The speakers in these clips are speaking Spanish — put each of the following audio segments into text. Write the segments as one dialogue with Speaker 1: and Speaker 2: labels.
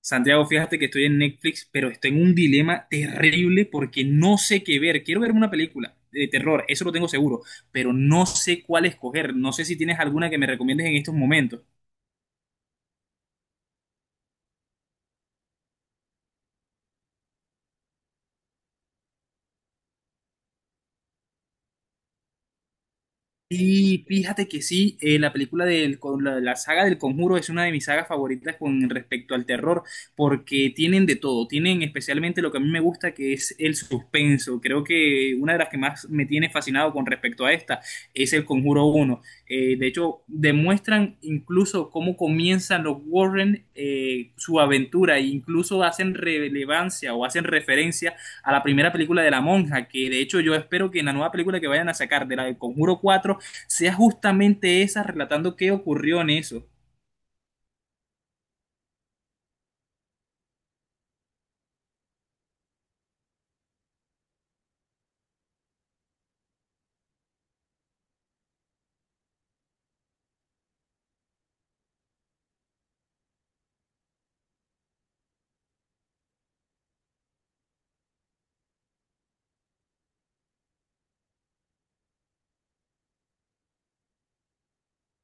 Speaker 1: Santiago, fíjate que estoy en Netflix, pero estoy en un dilema terrible porque no sé qué ver. Quiero ver una película de terror, eso lo tengo seguro, pero no sé cuál escoger. No sé si tienes alguna que me recomiendes en estos momentos. Y fíjate que sí, la película con la saga del Conjuro es una de mis sagas favoritas con respecto al terror, porque tienen de todo, tienen especialmente lo que a mí me gusta, que es el suspenso. Creo que una de las que más me tiene fascinado con respecto a esta es el Conjuro uno. De hecho, demuestran incluso cómo comienzan los Warren, su aventura, e incluso hacen relevancia o hacen referencia a la primera película de La Monja, que de hecho yo espero que en la nueva película que vayan a sacar de la del Conjuro cuatro sea justamente esa relatando qué ocurrió en eso.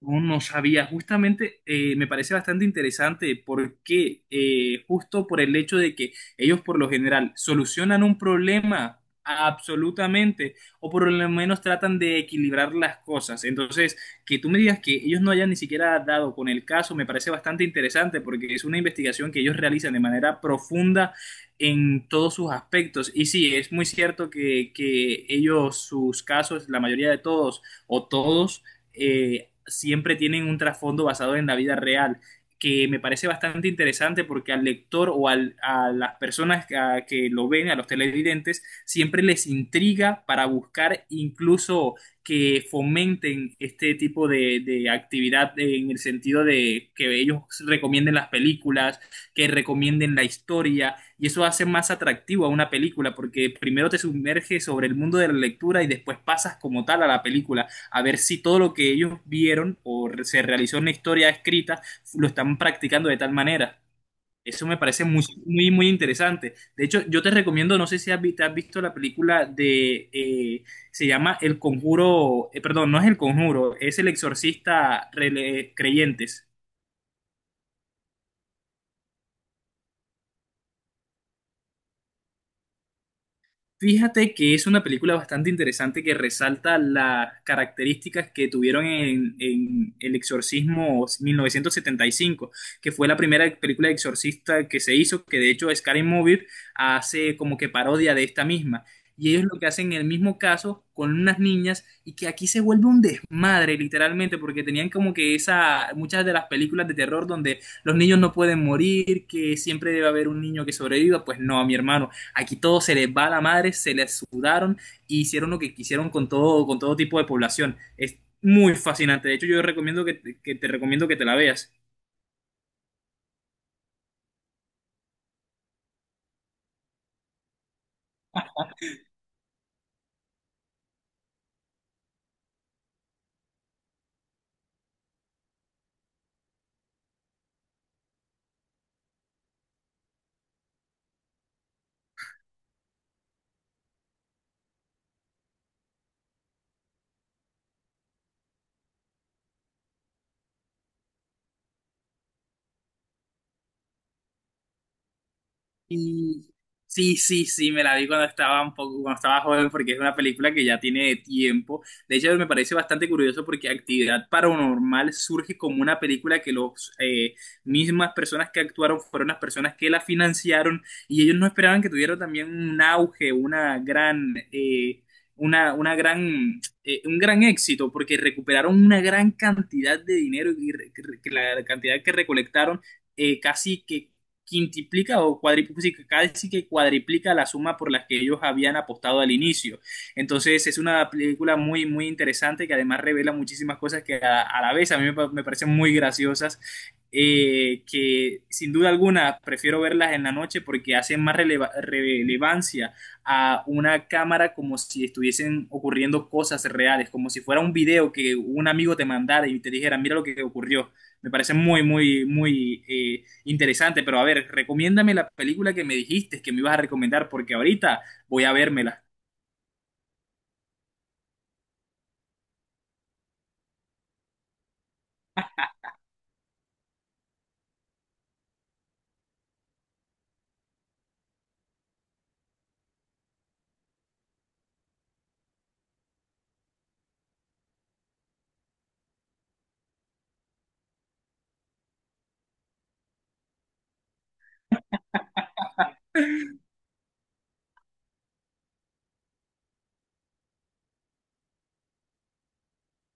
Speaker 1: No, no sabía, justamente me parece bastante interesante porque justo por el hecho de que ellos por lo general solucionan un problema absolutamente o por lo menos tratan de equilibrar las cosas. Entonces, que tú me digas que ellos no hayan ni siquiera dado con el caso me parece bastante interesante porque es una investigación que ellos realizan de manera profunda en todos sus aspectos. Y sí, es muy cierto que ellos, sus casos, la mayoría de todos o todos, siempre tienen un trasfondo basado en la vida real, que me parece bastante interesante porque al lector o al, a las personas que, a que lo ven, a los televidentes, siempre les intriga para buscar incluso que fomenten este tipo de actividad en el sentido de que ellos recomienden las películas, que recomienden la historia, y eso hace más atractivo a una película, porque primero te sumerges sobre el mundo de la lectura y después pasas como tal a la película a ver si todo lo que ellos vieron o se realizó en la historia escrita lo están practicando de tal manera. Eso me parece muy, muy, muy interesante. De hecho, yo te recomiendo, no sé si has visto la película de, se llama El Conjuro, perdón, no es El Conjuro, es El Exorcista Creyentes. Fíjate que es una película bastante interesante que resalta las características que tuvieron en El Exorcismo 1975, que fue la primera película de exorcista que se hizo, que de hecho Scary Movie hace como que parodia de esta misma. Y ellos lo que hacen en el mismo caso con unas niñas y que aquí se vuelve un desmadre literalmente porque tenían como que esa, muchas de las películas de terror donde los niños no pueden morir, que siempre debe haber un niño que sobreviva, pues no, mi hermano. Aquí todo se les va a la madre, se les sudaron y e hicieron lo que quisieron con todo tipo de población. Es muy fascinante. De hecho, yo recomiendo que te recomiendo que te la veas. Y sí, sí, sí, me la vi cuando estaba un poco, cuando estaba joven, porque es una película que ya tiene tiempo. De hecho, me parece bastante curioso porque Actividad Paranormal surge como una película que los mismas personas que actuaron fueron las personas que la financiaron y ellos no esperaban que tuvieran también un auge, una gran, una gran, un gran éxito porque recuperaron una gran cantidad de dinero que la cantidad que recolectaron casi que quintuplica o cuadriplica, casi sí que cuadriplica la suma por la que ellos habían apostado al inicio. Entonces es una película muy, muy interesante que además revela muchísimas cosas que a la vez a mí me, me parecen muy graciosas. Que sin duda alguna prefiero verlas en la noche porque hacen más relevancia a una cámara como si estuviesen ocurriendo cosas reales, como si fuera un video que un amigo te mandara y te dijera, mira lo que ocurrió. Me parece muy, muy, muy, interesante, pero a ver, recomiéndame la película que me dijiste que me ibas a recomendar, porque ahorita voy a vérmela.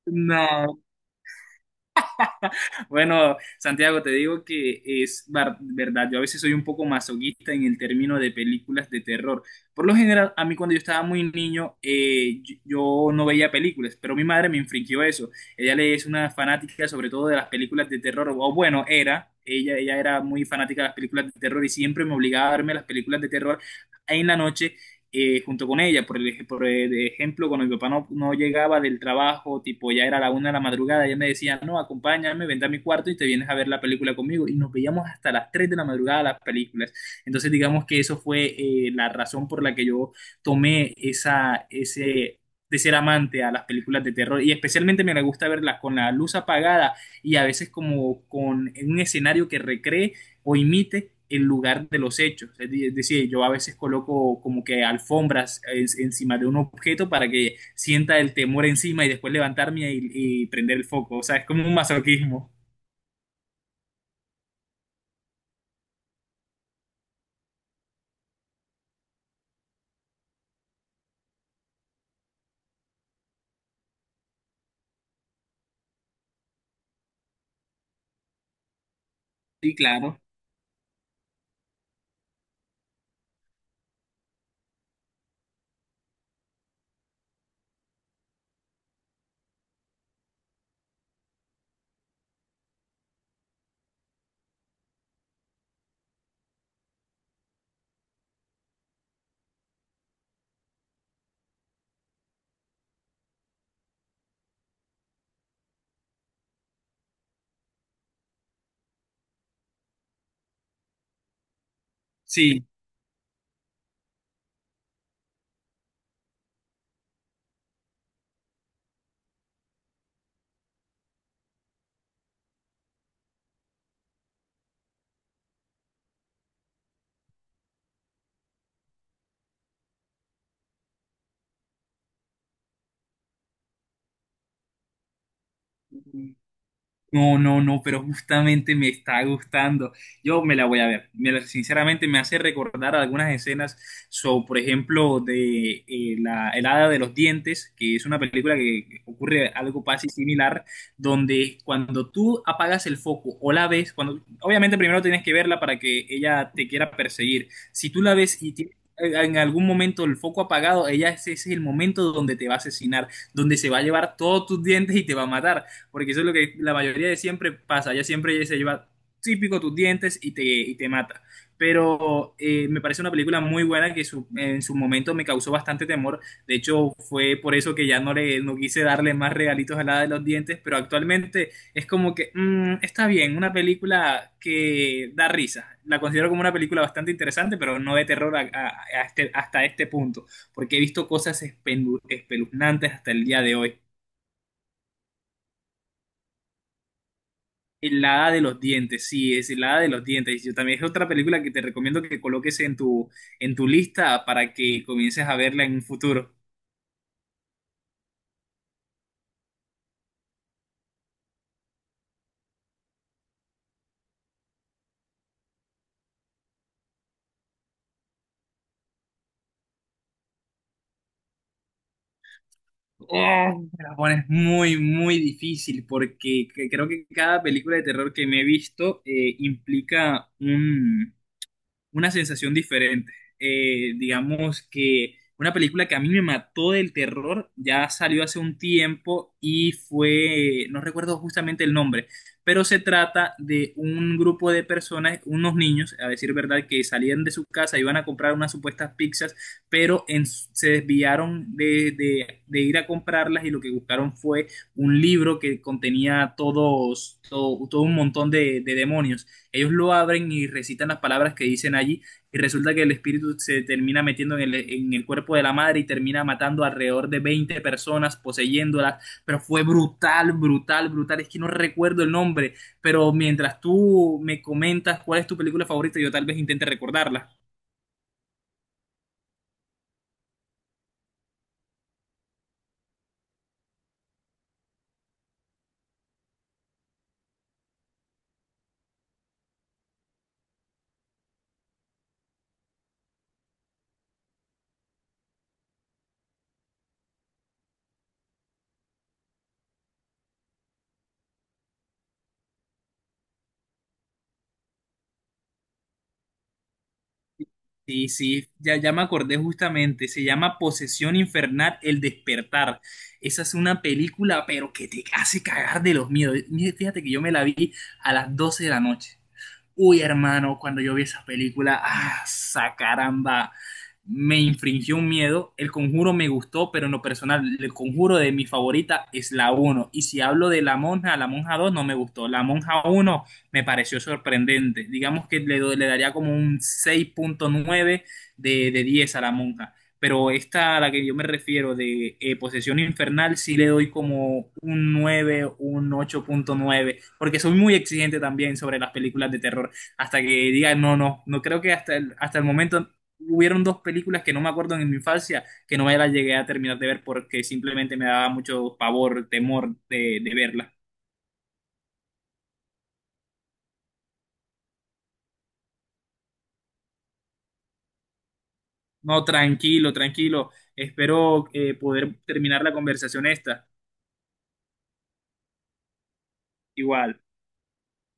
Speaker 1: No, bueno, Santiago, te digo que es verdad, yo a veces soy un poco masoquista en el término de películas de terror. Por lo general, a mí cuando yo estaba muy niño, yo no veía películas, pero mi madre me infringió eso. Es una fanática sobre todo de las películas de terror, o bueno, era, ella era muy fanática de las películas de terror y siempre me obligaba a verme las películas de terror en la noche, junto con ella. Por el ejemplo, cuando mi papá no, no llegaba del trabajo, tipo ya era la una de la madrugada, ella me decía, no, acompáñame, vente a mi cuarto y te vienes a ver la película conmigo. Y nos veíamos hasta las 3 de la madrugada las películas. Entonces, digamos que eso fue la razón por la que yo tomé esa, ese, de ser amante a las películas de terror y especialmente me gusta verlas con la luz apagada y a veces como con un escenario que recree o imite el lugar de los hechos. Es decir, yo a veces coloco como que alfombras encima de un objeto para que sienta el temor encima y después levantarme y prender el foco. O sea, es como un masoquismo. Sí, claro. Sí. No, no, no, pero justamente me está gustando. Yo me la voy a ver. Sinceramente me hace recordar algunas escenas, so, por ejemplo, de El Hada de los Dientes, que es una película que ocurre algo casi similar, donde cuando tú apagas el foco o la ves, cuando, obviamente primero tienes que verla para que ella te quiera perseguir. Si tú la ves y tienes en algún momento el foco apagado, ella ese es el momento donde te va a asesinar, donde se va a llevar todos tus dientes y te va a matar porque eso es lo que la mayoría de siempre pasa, ya siempre se lleva típico tus dientes y te mata. Pero me parece una película muy buena que en su momento me causó bastante temor. De hecho, fue por eso que ya no quise darle más regalitos a la de los dientes, pero actualmente es como que está bien, una película que da risa. La considero como una película bastante interesante, pero no de terror hasta este punto, porque he visto cosas espeluznantes hasta el día de hoy. El hada de los dientes, sí, es el hada de los dientes. Yo también es otra película que te recomiendo que coloques en tu lista para que comiences a verla en un futuro. Oh, me la pones muy, muy difícil porque creo que cada película de terror que me he visto implica una sensación diferente. Digamos que una película que a mí me mató del terror ya salió hace un tiempo y fue, no recuerdo justamente el nombre, pero se trata de un grupo de personas, unos niños, a decir verdad, que salían de su casa, iban a comprar unas supuestas pizzas, pero se desviaron de ir a comprarlas y lo que buscaron fue un libro que contenía todo un montón de demonios. Ellos lo abren y recitan las palabras que dicen allí y resulta que el espíritu se termina metiendo en el cuerpo de la madre y termina matando alrededor de 20 personas, poseyéndolas, pero fue brutal, brutal, brutal. Es que no recuerdo el nombre, pero mientras tú me comentas cuál es tu película favorita, yo tal vez intente recordarla. Sí, sí, ya me acordé justamente, se llama Posesión Infernal, El Despertar. Esa es una película, pero que te hace cagar de los miedos. Mira, fíjate que yo me la vi a las 12 de la noche. Uy, hermano, cuando yo vi esa película, ah, sa caramba, me infringió un miedo. El Conjuro me gustó, pero en lo personal, el Conjuro de mi favorita es la uno. Y si hablo de la monja 2 no me gustó. La monja uno me pareció sorprendente. Digamos que le daría como un 6,9 de 10 a la monja, pero esta a la que yo me refiero de Posesión Infernal sí le doy como un 9 un 8,9 porque soy muy exigente también sobre las películas de terror, hasta que diga, no, no, no creo que hasta el momento hubieron dos películas que no me acuerdo en mi infancia, que no me las llegué a terminar de ver porque simplemente me daba mucho pavor, temor de verlas. No, tranquilo, tranquilo, espero poder terminar la conversación esta, igual.